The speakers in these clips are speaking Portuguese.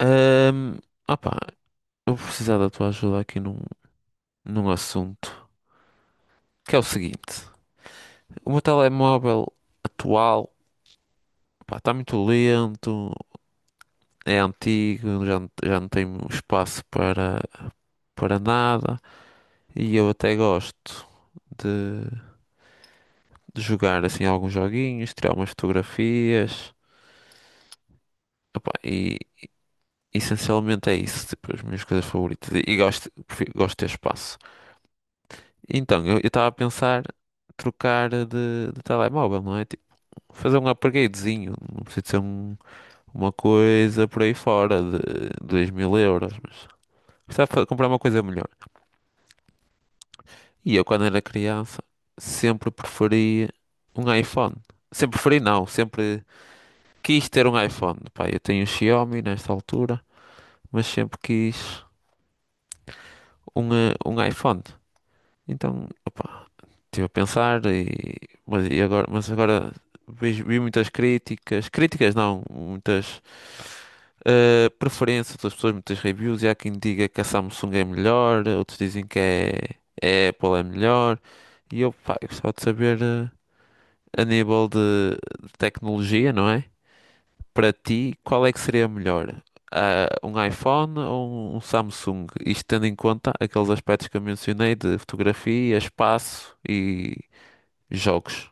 Ahm, opá, eu vou precisar da tua ajuda aqui num assunto, que é o seguinte. O meu telemóvel atual, pá, está muito lento, é antigo, já, já não tem espaço para nada e eu até gosto de, de jogar assim alguns joguinhos, tirar umas fotografias, opá, e essencialmente é isso, tipo, as minhas coisas favoritas e gosto, gosto de ter espaço. Então, eu estava a pensar trocar de telemóvel, não é? Tipo, fazer um upgradezinho. Não precisa de ser uma coisa por aí fora de 2000 euros. Mas precisava comprar uma coisa melhor. E eu, quando era criança, sempre preferi um iPhone. Sempre preferi, não. Sempre quis ter um iPhone. Pá, eu tenho um Xiaomi nesta altura, mas sempre quis um iPhone. Então, opá, estive a pensar mas agora vi muitas críticas, críticas não, muitas preferências das pessoas, muitas reviews, e há quem diga que a Samsung é melhor, outros dizem que é a Apple é melhor, e eu, pá, eu gostava de saber, a nível de tecnologia, não é? Para ti, qual é que seria a melhor? Ah, um iPhone ou um Samsung? Isto tendo em conta aqueles aspectos que eu mencionei de fotografia, espaço e jogos,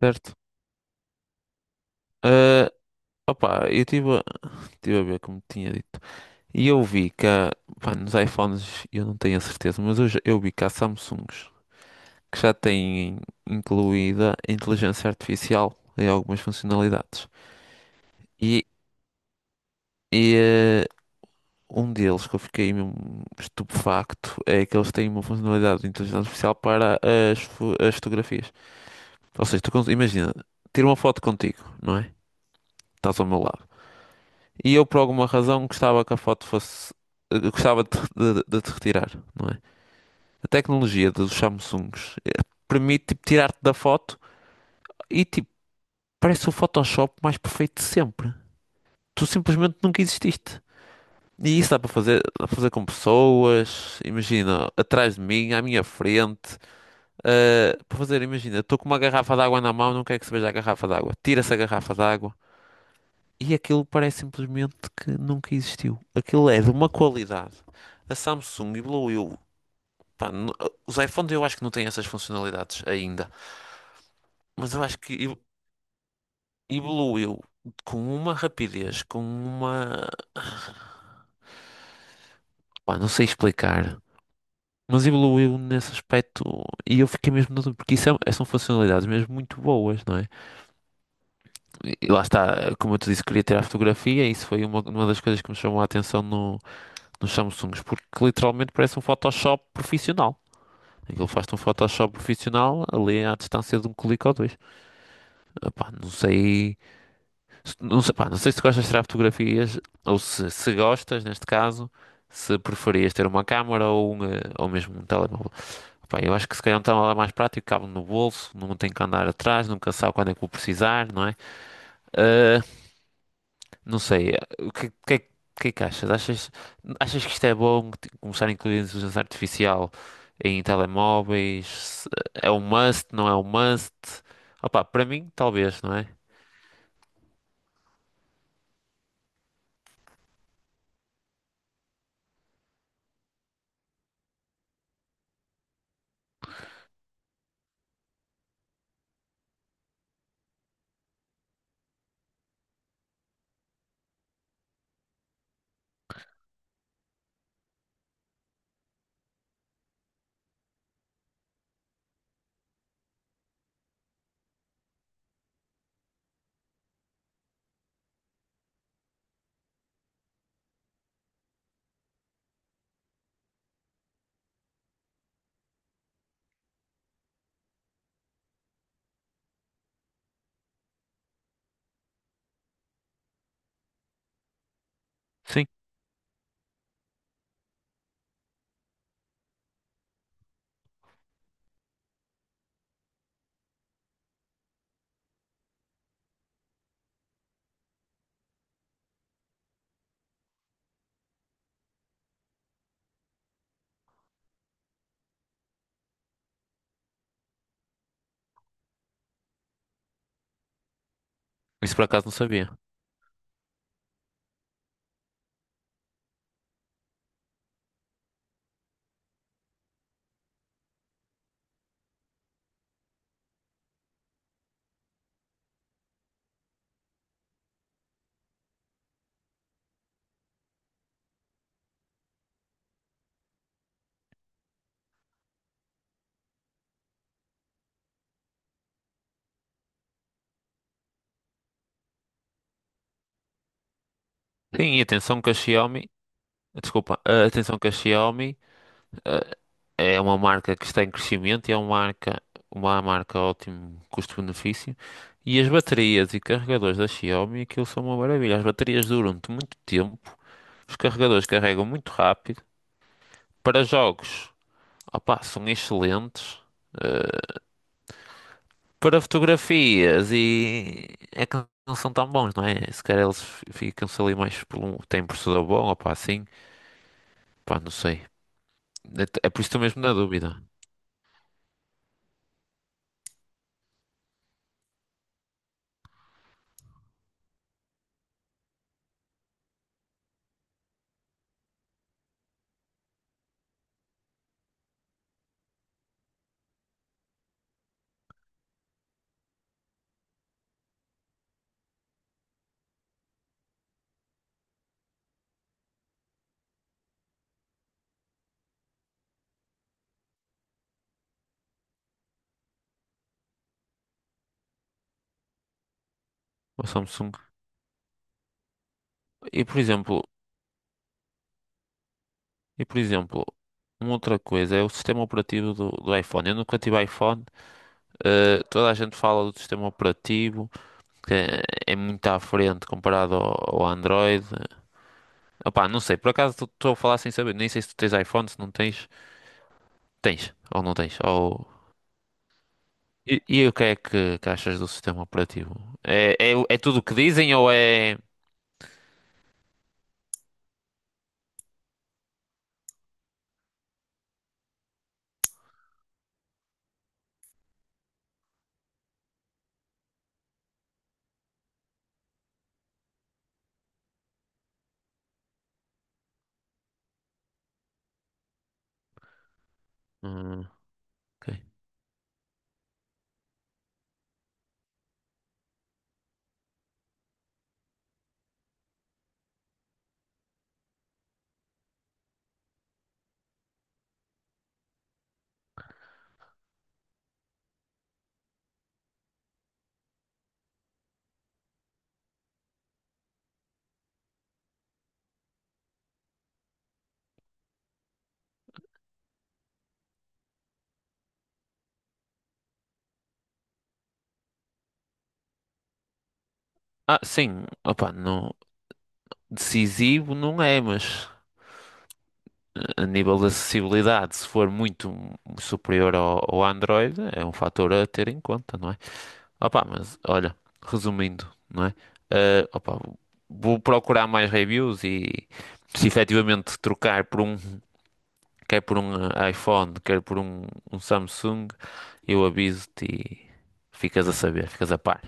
certo? Ah, opá, eu tive a ver como tinha dito. E eu vi que há, pá, nos iPhones, eu não tenho a certeza, mas eu, eu vi que há Samsungs que já têm incluída a inteligência artificial em algumas funcionalidades. E, e um deles que eu fiquei mesmo estupefacto é que eles têm uma funcionalidade de inteligência artificial para as fotografias. Ou seja, tu imagina, tiro uma foto contigo, não é? Estás ao meu lado. E eu, por alguma razão, gostava que a foto fosse. Gostava de te retirar, não é? A tecnologia dos Samsungs permite, tipo, tirar-te da foto e, tipo, parece o Photoshop mais perfeito de sempre. Tu simplesmente nunca exististe. E isso dá para fazer com pessoas, imagina, atrás de mim, à minha frente. Para fazer, imagina, estou com uma garrafa de água na mão, não quero que se veja a garrafa de água. Tira-se a garrafa de água. E aquilo parece simplesmente que nunca existiu. Aquilo é de uma qualidade. A Samsung evoluiu. Pá, os iPhones eu acho que não têm essas funcionalidades ainda. Mas eu acho que evoluiu com uma rapidez, com uma. Pá, não sei explicar. Mas evoluiu nesse aspecto e eu fiquei mesmo na dúvida, porque isso é, são funcionalidades mesmo muito boas, não é? E lá está, como eu te disse, queria tirar a fotografia e isso foi uma das coisas que me chamou a atenção no, nos Samsungs, porque literalmente parece um Photoshop profissional. Aquilo faz-te um Photoshop profissional ali à distância de um clique ou dois. Epá, não sei, pá, não sei se gostas de tirar fotografias ou se gostas, neste caso, se preferias ter uma câmara ou mesmo um telemóvel. Epá, eu acho que se calhar um telemóvel é mais prático, cabe no bolso, não tem que andar atrás, nunca sabe quando é que vou precisar, não é? Eh, não sei, o que é que achas? Achas que isto é bom começar a incluir a inteligência artificial em telemóveis? É um must, não é um must? Opa, para mim, talvez, não é? Sim, isso por acaso não sabia. Sim, e atenção que a Xiaomi, desculpa, atenção que a Xiaomi, é uma marca que está em crescimento e é uma marca ótimo custo-benefício. E as baterias e carregadores da Xiaomi, aquilo são uma maravilha. As baterias duram-te muito tempo, os carregadores carregam muito rápido. Para jogos, opa, são excelentes. eh, para fotografias e é que não são tão bons, não é? Se calhar eles ficam-se ali mais por um. Tem processador bom, ou pá, assim, pá, não sei. É por isso que estou mesmo na dúvida. O Samsung. E por exemplo, e por exemplo, uma outra coisa é o sistema operativo do iPhone. Eu nunca tive iPhone, toda a gente fala do sistema operativo, que é muito à frente comparado ao Android. Opá, não sei, por acaso estou a falar sem saber, nem sei se tu tens iPhone, se não tens. Tens, ou não tens, ou. E o que é que achas do sistema operativo? É tudo o que dizem ou é. Hum, ok. Ah, sim, opa, não, decisivo não é, mas, a nível de acessibilidade, se for muito superior ao Android, é um fator a ter em conta, não é? Opa, mas olha, resumindo, não é? Ah, opa, vou procurar mais reviews e se efetivamente trocar por um quer por um iPhone, quer por um Samsung, eu aviso-te e ficas a saber, ficas a par.